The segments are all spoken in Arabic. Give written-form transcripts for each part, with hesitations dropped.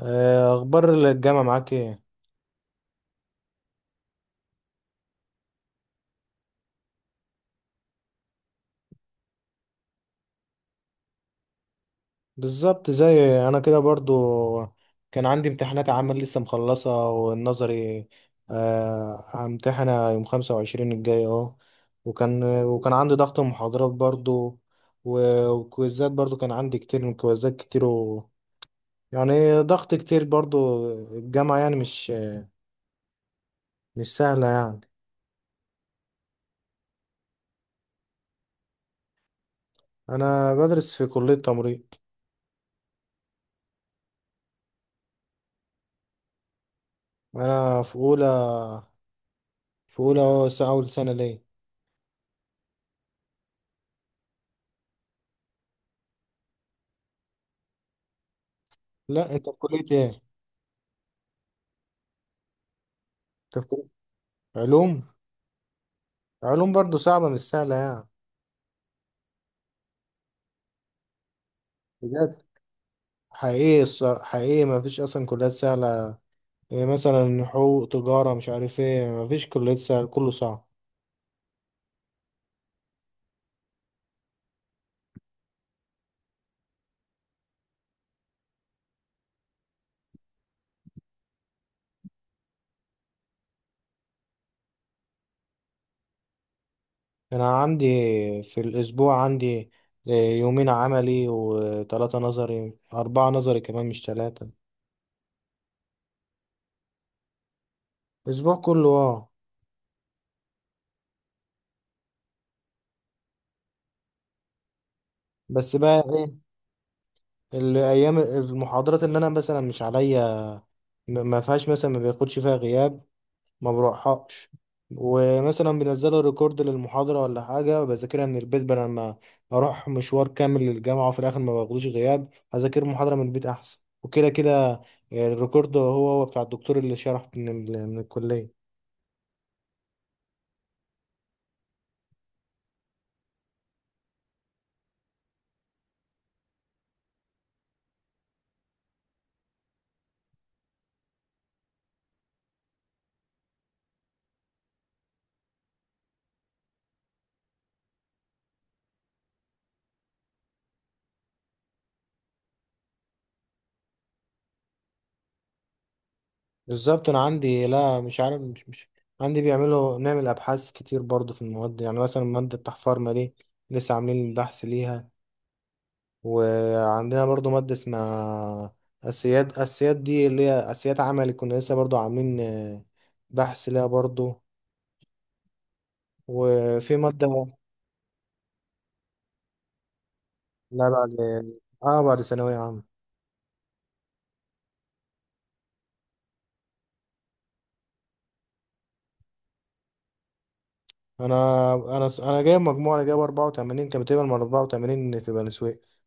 اخبار الجامعه معاك ايه؟ بالظبط زي انا كده برضو. كان عندي امتحانات عمل لسه مخلصه والنظري. همتحنها يوم 25 الجاي اهو. وكان عندي ضغط محاضرات برضو، وكويزات برضو، كان عندي كتير من كويزات كتير يعني ضغط كتير برضو. الجامعه يعني مش سهله يعني. انا بدرس في كليه تمريض. انا في اولى، في اولى أهو، اول سنه ليه. لا، انت في كليه ايه؟ تفكير. علوم. علوم برضو صعبة مش سهلة يعني. بجد، حقيقي الصراحة حقيقي، ما فيش أصلا كليات سهلة. يعني مثلا حقوق، تجارة، مش عارف ايه، ما فيش كليات سهلة، كله صعب. أنا عندي، في الأسبوع عندي، يومين عملي وثلاثة نظري، أربعة نظري كمان مش ثلاثة. أسبوع كله، اه. بس بقى ايه، الأيام المحاضرات اللي أنا مثلا مش عليا، ما فيهاش، مثلا ما بياخدش فيها غياب، ما بروحهاش. ومثلا بنزلوا ريكورد للمحاضرة ولا حاجة، بذاكرها من البيت بدل ما أروح مشوار كامل للجامعة وفي الآخر ما باخدوش غياب. هذاكر محاضرة من البيت أحسن وكده كده. الريكورد هو بتاع الدكتور اللي شرح من الكلية. بالظبط. أنا عندي، لا مش عارف. مش مش عندي، نعمل أبحاث كتير برضو في المواد. يعني مثلا مادة التحفار ما دي، لسه عاملين بحث ليها. وعندنا برضو مادة اسمها أسياد، دي اللي هي أسياد عملي، كنا لسه برضو عاملين بحث ليها برضو. وفي مادة. لا، بعد. اه، بعد ثانوية عامة. أنا أنا جايب مجموعة، أنا جايب 84، كان بتقبل من 84 في بني سويف.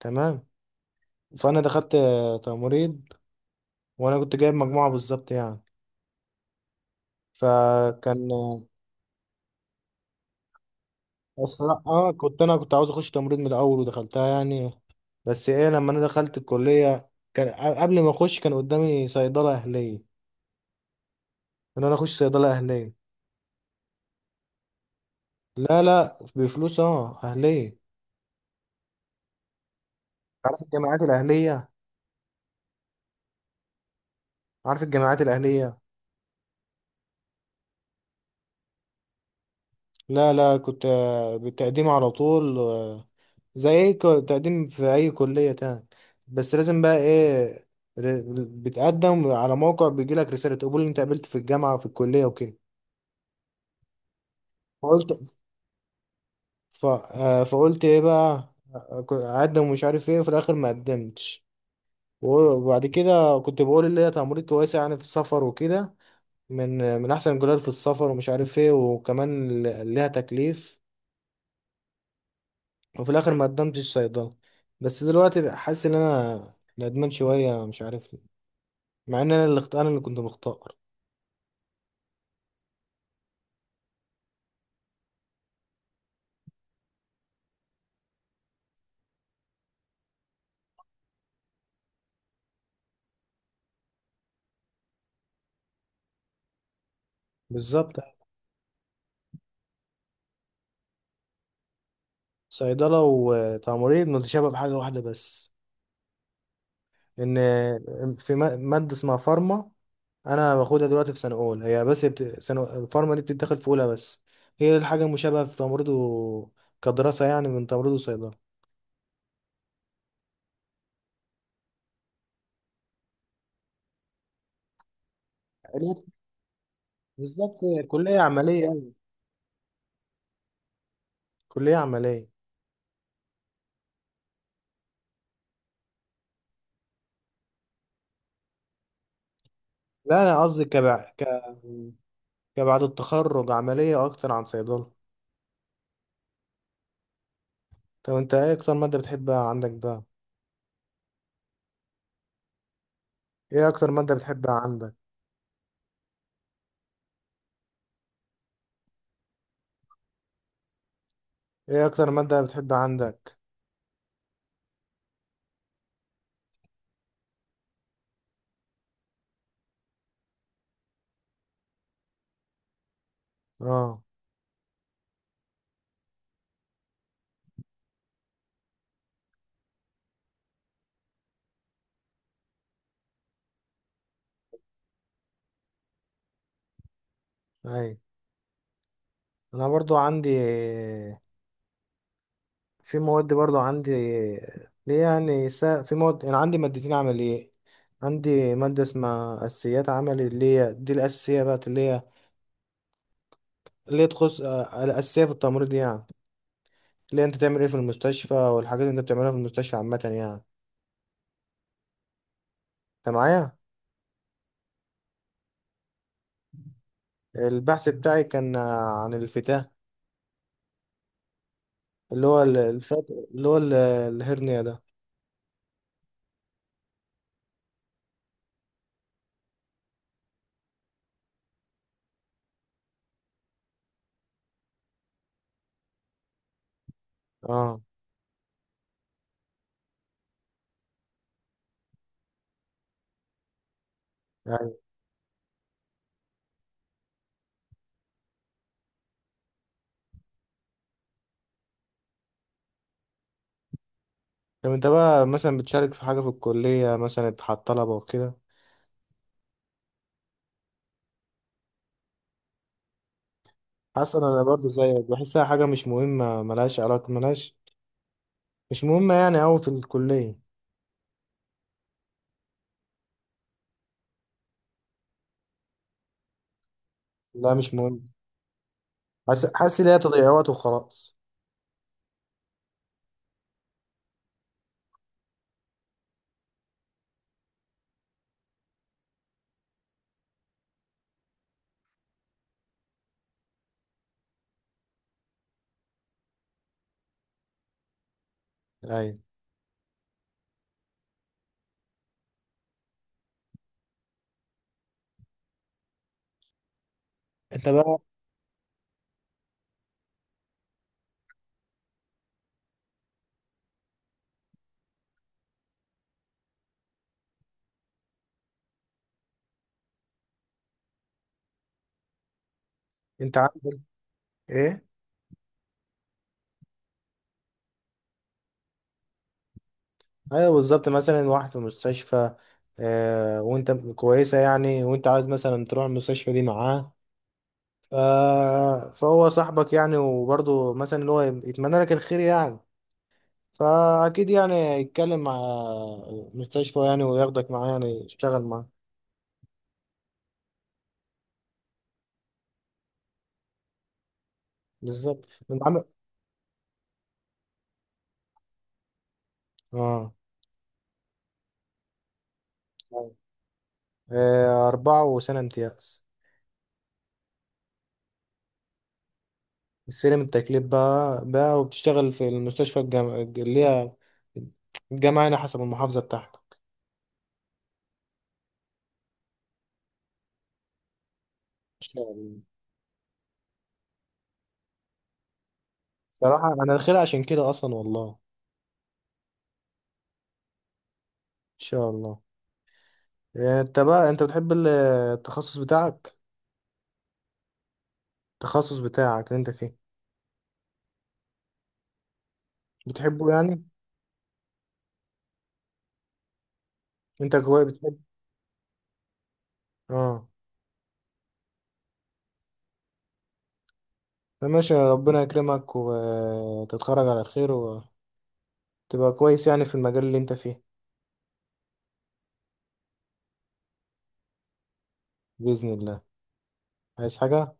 تمام. فأنا دخلت تمريض، وأنا كنت جايب مجموعة بالظبط يعني. فكان، الصراحة اه، كنت عاوز اخش تمريض من الاول ودخلتها يعني. بس ايه، لما انا دخلت الكلية كان قبل ما اخش كان قدامي صيدلة اهلية، ان انا اخش صيدلة اهلية. لا لا، بفلوس اه، اهلية. عارف الجامعات الاهلية؟ عارف الجامعات الاهلية. لا لا، كنت بالتقديم على طول. زي اي تقديم في اي كلية تاني، بس لازم بقى ايه، ر- بتقدم على موقع، بيجيلك رسالة قبول إن انت قابلت في الجامعة وفي الكلية وكده. فقلت، ف... آه، فقلت ايه بقى، اقدم ومش عارف ايه، وفي الاخر ما قدمتش. وبعد كده كنت بقول اللي هي تمريض كويسه يعني في السفر وكده، من احسن الكليات في السفر، ومش عارف ايه، وكمان ليها تكليف. وفي الاخر ما قدمتش صيدله. بس دلوقتي بقى حاسس ان انا ندمان شويه، مش عارف ليه، مع ان انا اللي كنت مختار. بالظبط. صيدله وتمريض متشابه بحاجه واحده بس، ان في ماده اسمها فارما، انا باخدها دلوقتي في سنه اولى، هي بس سنه الفارما دي بتتدخل في اولى بس. هي دي الحاجه المشابهه في تمريض كدراسه يعني من تمريض وصيدله. علاج- بالظبط. كليه عمليه، أيوة. كليه عمليه. لا، انا قصدي كبعد التخرج عمليه اكتر عن صيدله. طب انت ايه اكتر ماده بتحبها عندك بقى؟ ايه اكتر ماده بتحبها عندك؟ ايه اكتر ماده بتحبها عندك؟ اه. اي، انا برضو عندي، في مواد برضو عندي ليه يعني، في مواد أنا عندي مادتين عملية. عندي مادة اسمها أساسيات عملي، اللي هي دي الأساسية بقى، اللي هي، اللي هي تخص الأساسية في التمريض يعني، اللي هي أنت تعمل إيه في المستشفى، والحاجات اللي أنت بتعملها في المستشفى عامة يعني. أنت معايا؟ البحث بتاعي كان عن الفتاة، اللي هو الفات، اللي هو الهرنية ده. اه. يعني. طب أنت بقى مثلا بتشارك في حاجة في الكلية، مثلا اتحط طلبة وكده؟ حسن، انا برضو زيك بحسها حاجه مش مهمه، ملهاش علاقه، ملهاش، مش مهمه يعني أوي في الكليه. لا مش مهم، حاسس ان هي تضييع وقت وخلاص. ايوه. انت بقى انت عندك ايه؟ ايوه، بالظبط، مثلا واحد في مستشفى، وانت كويسه يعني، وانت عايز مثلا تروح المستشفى دي معاه. ف- فهو صاحبك يعني، وبرضه مثلا اللي هو يتمنى لك الخير يعني. فاكيد يعني يتكلم مع المستشفى يعني، وياخدك معاه يعني يشتغل معاه. بالظبط. اه. أربعة وسنة امتياز. السلم التكليف بقى وبتشتغل في المستشفى الجامعة، اللي هي الجامعة هنا حسب المحافظة بتاعتك. إن شاء الله. صراحة أنا داخلها عشان كده أصلا، والله إن شاء الله. أنت بقى، أنت بتحب التخصص بتاعك؟ التخصص بتاعك اللي أنت فيه، بتحبه يعني؟ أنت كويس بتحب. أه. فماشي، ربنا يكرمك وتتخرج على خير وتبقى كويس يعني في المجال اللي أنت فيه. بإذن الله. عايز حاجة؟